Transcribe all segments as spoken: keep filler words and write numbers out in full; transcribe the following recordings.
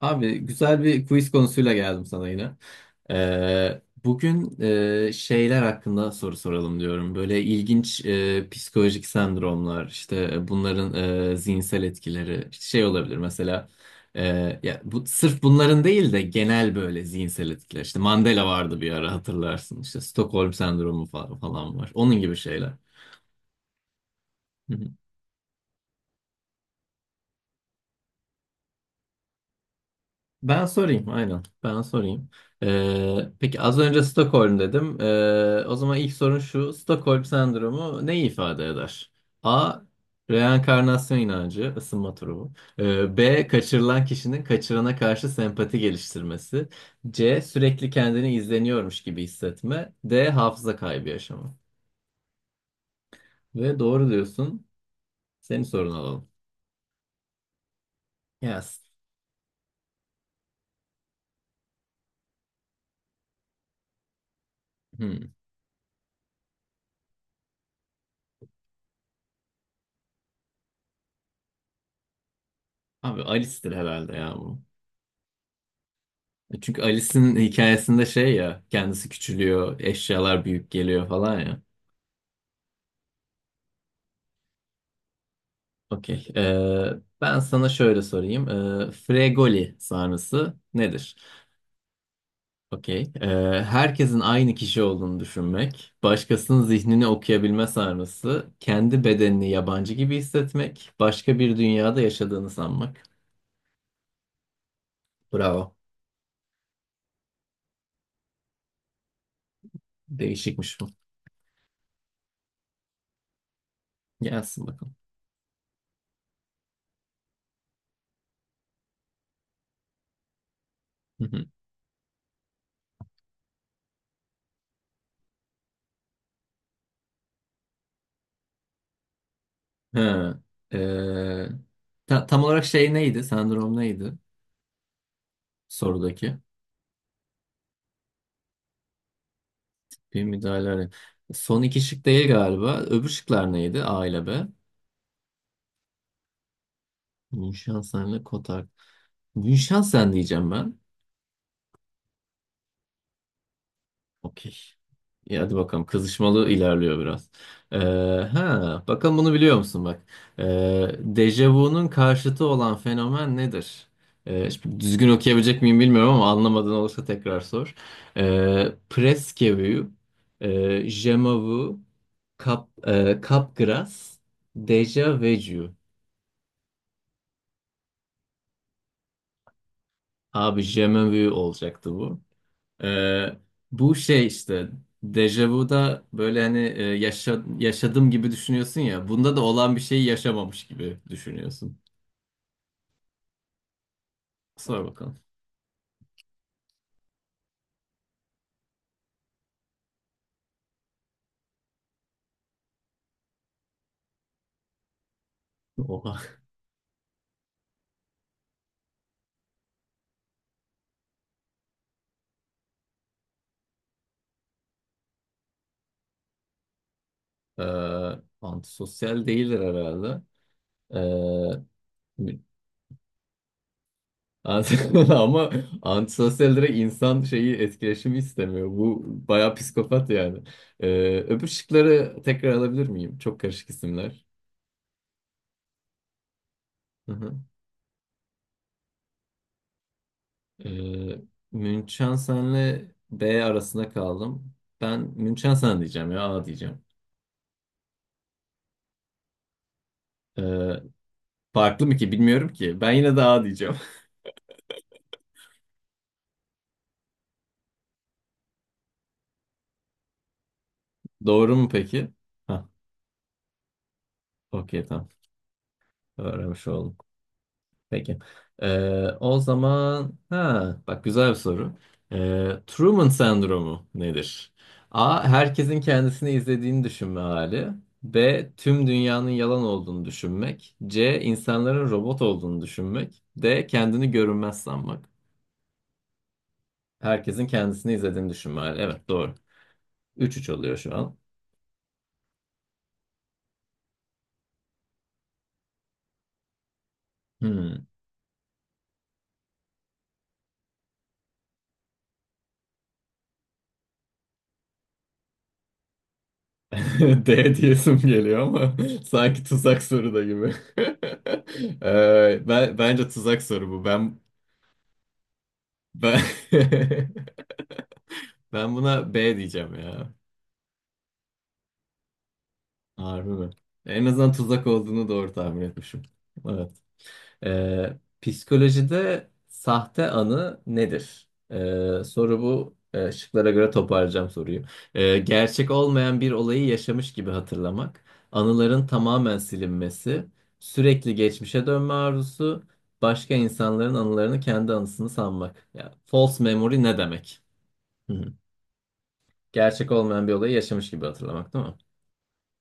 Abi güzel bir quiz konusuyla geldim sana yine. Ee, bugün e, şeyler hakkında soru soralım diyorum. Böyle ilginç e, psikolojik sendromlar, işte e, bunların e, zihinsel etkileri, işte şey olabilir mesela. e, Ya bu sırf bunların değil de genel böyle zihinsel etkiler. İşte Mandela vardı bir ara hatırlarsın. İşte Stockholm sendromu fa- falan var. Onun gibi şeyler. Ben sorayım, aynen. Ben sorayım. Ee, peki az önce Stockholm dedim. Ee, o zaman ilk sorun şu. Stockholm sendromu neyi ifade eder? A. Reenkarnasyon inancı, ısınma turu bu. Ee, B. Kaçırılan kişinin kaçırana karşı sempati geliştirmesi. C. Sürekli kendini izleniyormuş gibi hissetme. D. Hafıza kaybı yaşama. Ve doğru diyorsun. Senin sorunu alalım. Yes. Hmm. Abi Alice'tir herhalde ya bu. E, Çünkü Alice'in hikayesinde şey ya kendisi küçülüyor, eşyalar büyük geliyor falan ya. Okey. Ee, ben sana şöyle sorayım. Ee, Fregoli sarnısı nedir? Okey. Ee, herkesin aynı kişi olduğunu düşünmek, başkasının zihnini okuyabilme sarnısı, kendi bedenini yabancı gibi hissetmek, başka bir dünyada yaşadığını sanmak. Bravo. Değişikmiş bu. Gelsin bakalım. Hı hı. Ha, ee, ta- tam olarak şey neydi? Sendrom neydi? Sorudaki. Bir müdahale. Son iki şık değil galiba. Öbür şıklar neydi? A ile B. Münşansen ile Kotak. Münşansen diyeceğim ben. Okey. İyi hadi bakalım. Kızışmalı ilerliyor biraz. Ee, ha, Bakalım bunu biliyor musun bak. Ee, dejavu'nun karşıtı olan fenomen nedir? Ee, şimdi düzgün okuyabilecek miyim bilmiyorum ama anlamadığın olursa tekrar sor. Ee, Presque vu, e, je m'avoue, cap, e, capgras, déjà vu. Abi je m'avoue olacaktı bu. Ee, Bu şey işte dejavuda böyle hani e, yaşa- yaşadım gibi düşünüyorsun ya. Bunda da olan bir şeyi yaşamamış gibi düşünüyorsun. Sor bakalım. Oha. Ee, Antisosyal değildir herhalde. Ee, ant- Ama antisosyal direkt insan şeyi etkileşimi istemiyor. Bu bayağı psikopat yani. Ee, öbür şıkları tekrar alabilir miyim? Çok karışık isimler. Ee, Münchhausen'le B arasında kaldım. Ben Münchhausen diyeceğim ya A diyeceğim. Ee, Farklı mı ki bilmiyorum ki. Ben yine de A diyeceğim. Doğru mu peki? Ha, okey tamam. Öğrenmiş oldum. Peki. Ee, o zaman ha bak güzel bir soru. Ee, Truman sendromu nedir? A. Herkesin kendisini izlediğini düşünme hali. B. Tüm dünyanın yalan olduğunu düşünmek. C. İnsanların robot olduğunu düşünmek. D. Kendini görünmez sanmak. Herkesin kendisini izlediğini düşünme hali. Evet doğru. Üç üç oluyor şu an. Hmm. D diyesim geliyor ama sanki tuzak soru da gibi. Ee, ben, bence tuzak soru bu. Ben Ben ben buna B diyeceğim ya. Harbi mi? En azından tuzak olduğunu doğru tahmin etmişim. Evet. Ee, Psikolojide sahte anı nedir? Ee, soru bu. Ee, şıklara göre toparlayacağım soruyu. Ee, gerçek olmayan bir olayı yaşamış gibi hatırlamak, anıların tamamen silinmesi, sürekli geçmişe dönme arzusu, başka insanların anılarını kendi anısını sanmak. Ya, false memory ne demek? Gerçek olmayan bir olayı yaşamış gibi hatırlamak değil mi?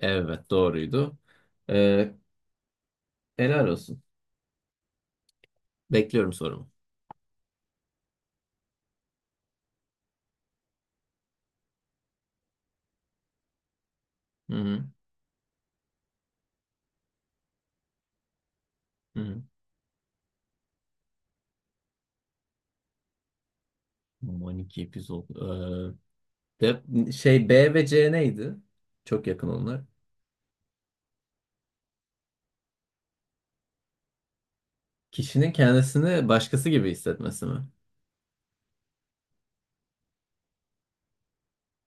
Evet doğruydu. Ee, Helal olsun. Bekliyorum sorumu. Hı hı. Hı hı. Aman iki epizod. Ee, de, şey B ve C neydi? Çok yakın onlar. Kişinin kendisini başkası gibi hissetmesi mi?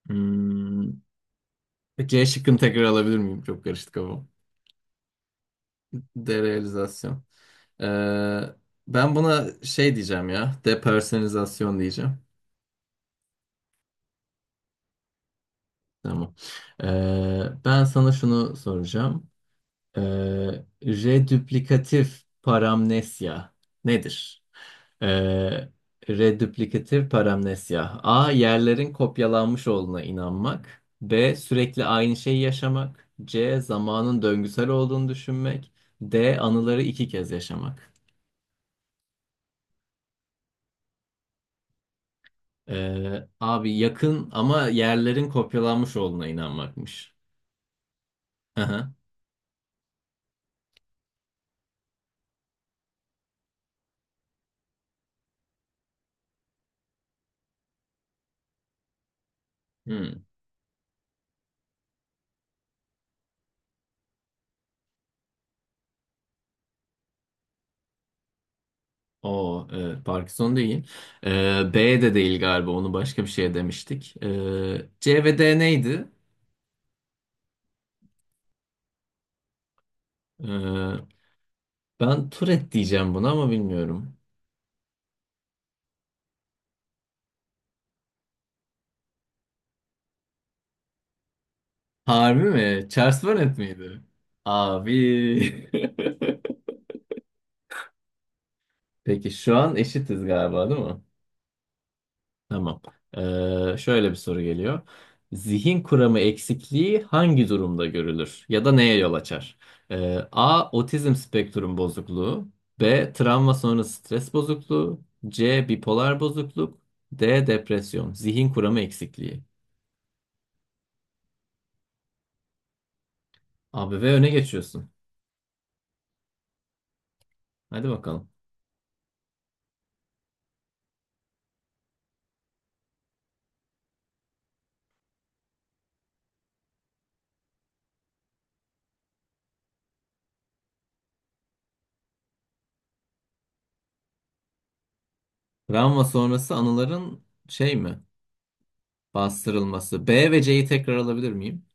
Hmm. C şıkkını tekrar alabilir miyim? Çok karıştı kafam. Derealizasyon. Ee, Ben buna şey diyeceğim ya. Depersonalizasyon diyeceğim. Tamam. Ee, ben sana şunu soracağım. Ee, Redüplikatif paramnesya nedir? Ee, Redüplikatif paramnesya. A. Yerlerin kopyalanmış olduğuna inanmak. B. Sürekli aynı şeyi yaşamak. C. Zamanın döngüsel olduğunu düşünmek. D. Anıları iki kez yaşamak. Ee, abi yakın ama yerlerin kopyalanmış olduğuna inanmakmış. Aha. Hmm. O evet, Parkinson değil. Ee, B de değil galiba. Onu başka bir şeye demiştik. Ee, C ve D neydi? Ee, Ben Tourette diyeceğim buna ama bilmiyorum. Harbi mi? Charles Bonnet miydi? Abi. Peki şu an eşitiz galiba değil mi? Tamam. Ee, şöyle bir soru geliyor. Zihin kuramı eksikliği hangi durumda görülür ya da neye yol açar? Ee, A. Otizm spektrum bozukluğu. B. Travma sonrası stres bozukluğu. C. Bipolar bozukluk. D. Depresyon. Zihin kuramı eksikliği. Abi ve öne geçiyorsun. Hadi bakalım. Travma sonrası anıların şey mi? Bastırılması. B ve C'yi tekrar alabilir miyim?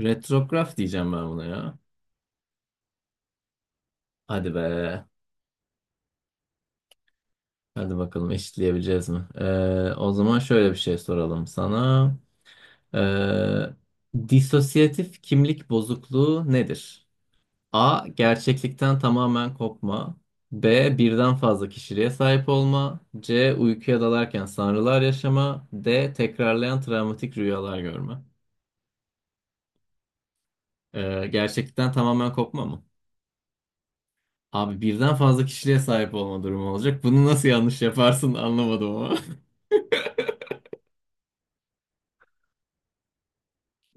Retrograf diyeceğim ben buna ya. Hadi be. Hadi bakalım eşitleyebileceğiz mi? Ee, o zaman şöyle bir şey soralım sana. Ee, Disosiyatif kimlik bozukluğu nedir? A. Gerçeklikten tamamen kopma. B. Birden fazla kişiliğe sahip olma. C. Uykuya dalarken sanrılar yaşama. D. Tekrarlayan travmatik rüyalar görme. Ee, gerçeklikten tamamen kopma mı? Abi birden fazla kişiliğe sahip olma durumu olacak. Bunu nasıl yanlış yaparsın anlamadım ama.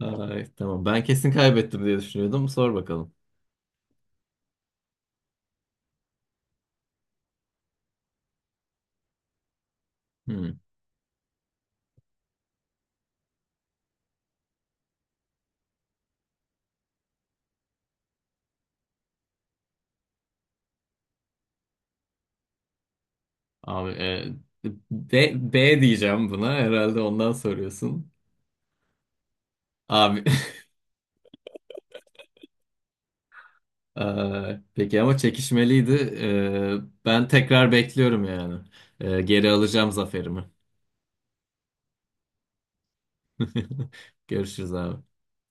Ay, tamam. Ben kesin kaybettim diye düşünüyordum. Sor bakalım. Hmm. Abi e, B, B diyeceğim buna. Herhalde ondan soruyorsun. Abi. Ee, peki ama çekişmeliydi. Ee, ben tekrar bekliyorum yani. Ee, geri alacağım zaferimi. Görüşürüz abi.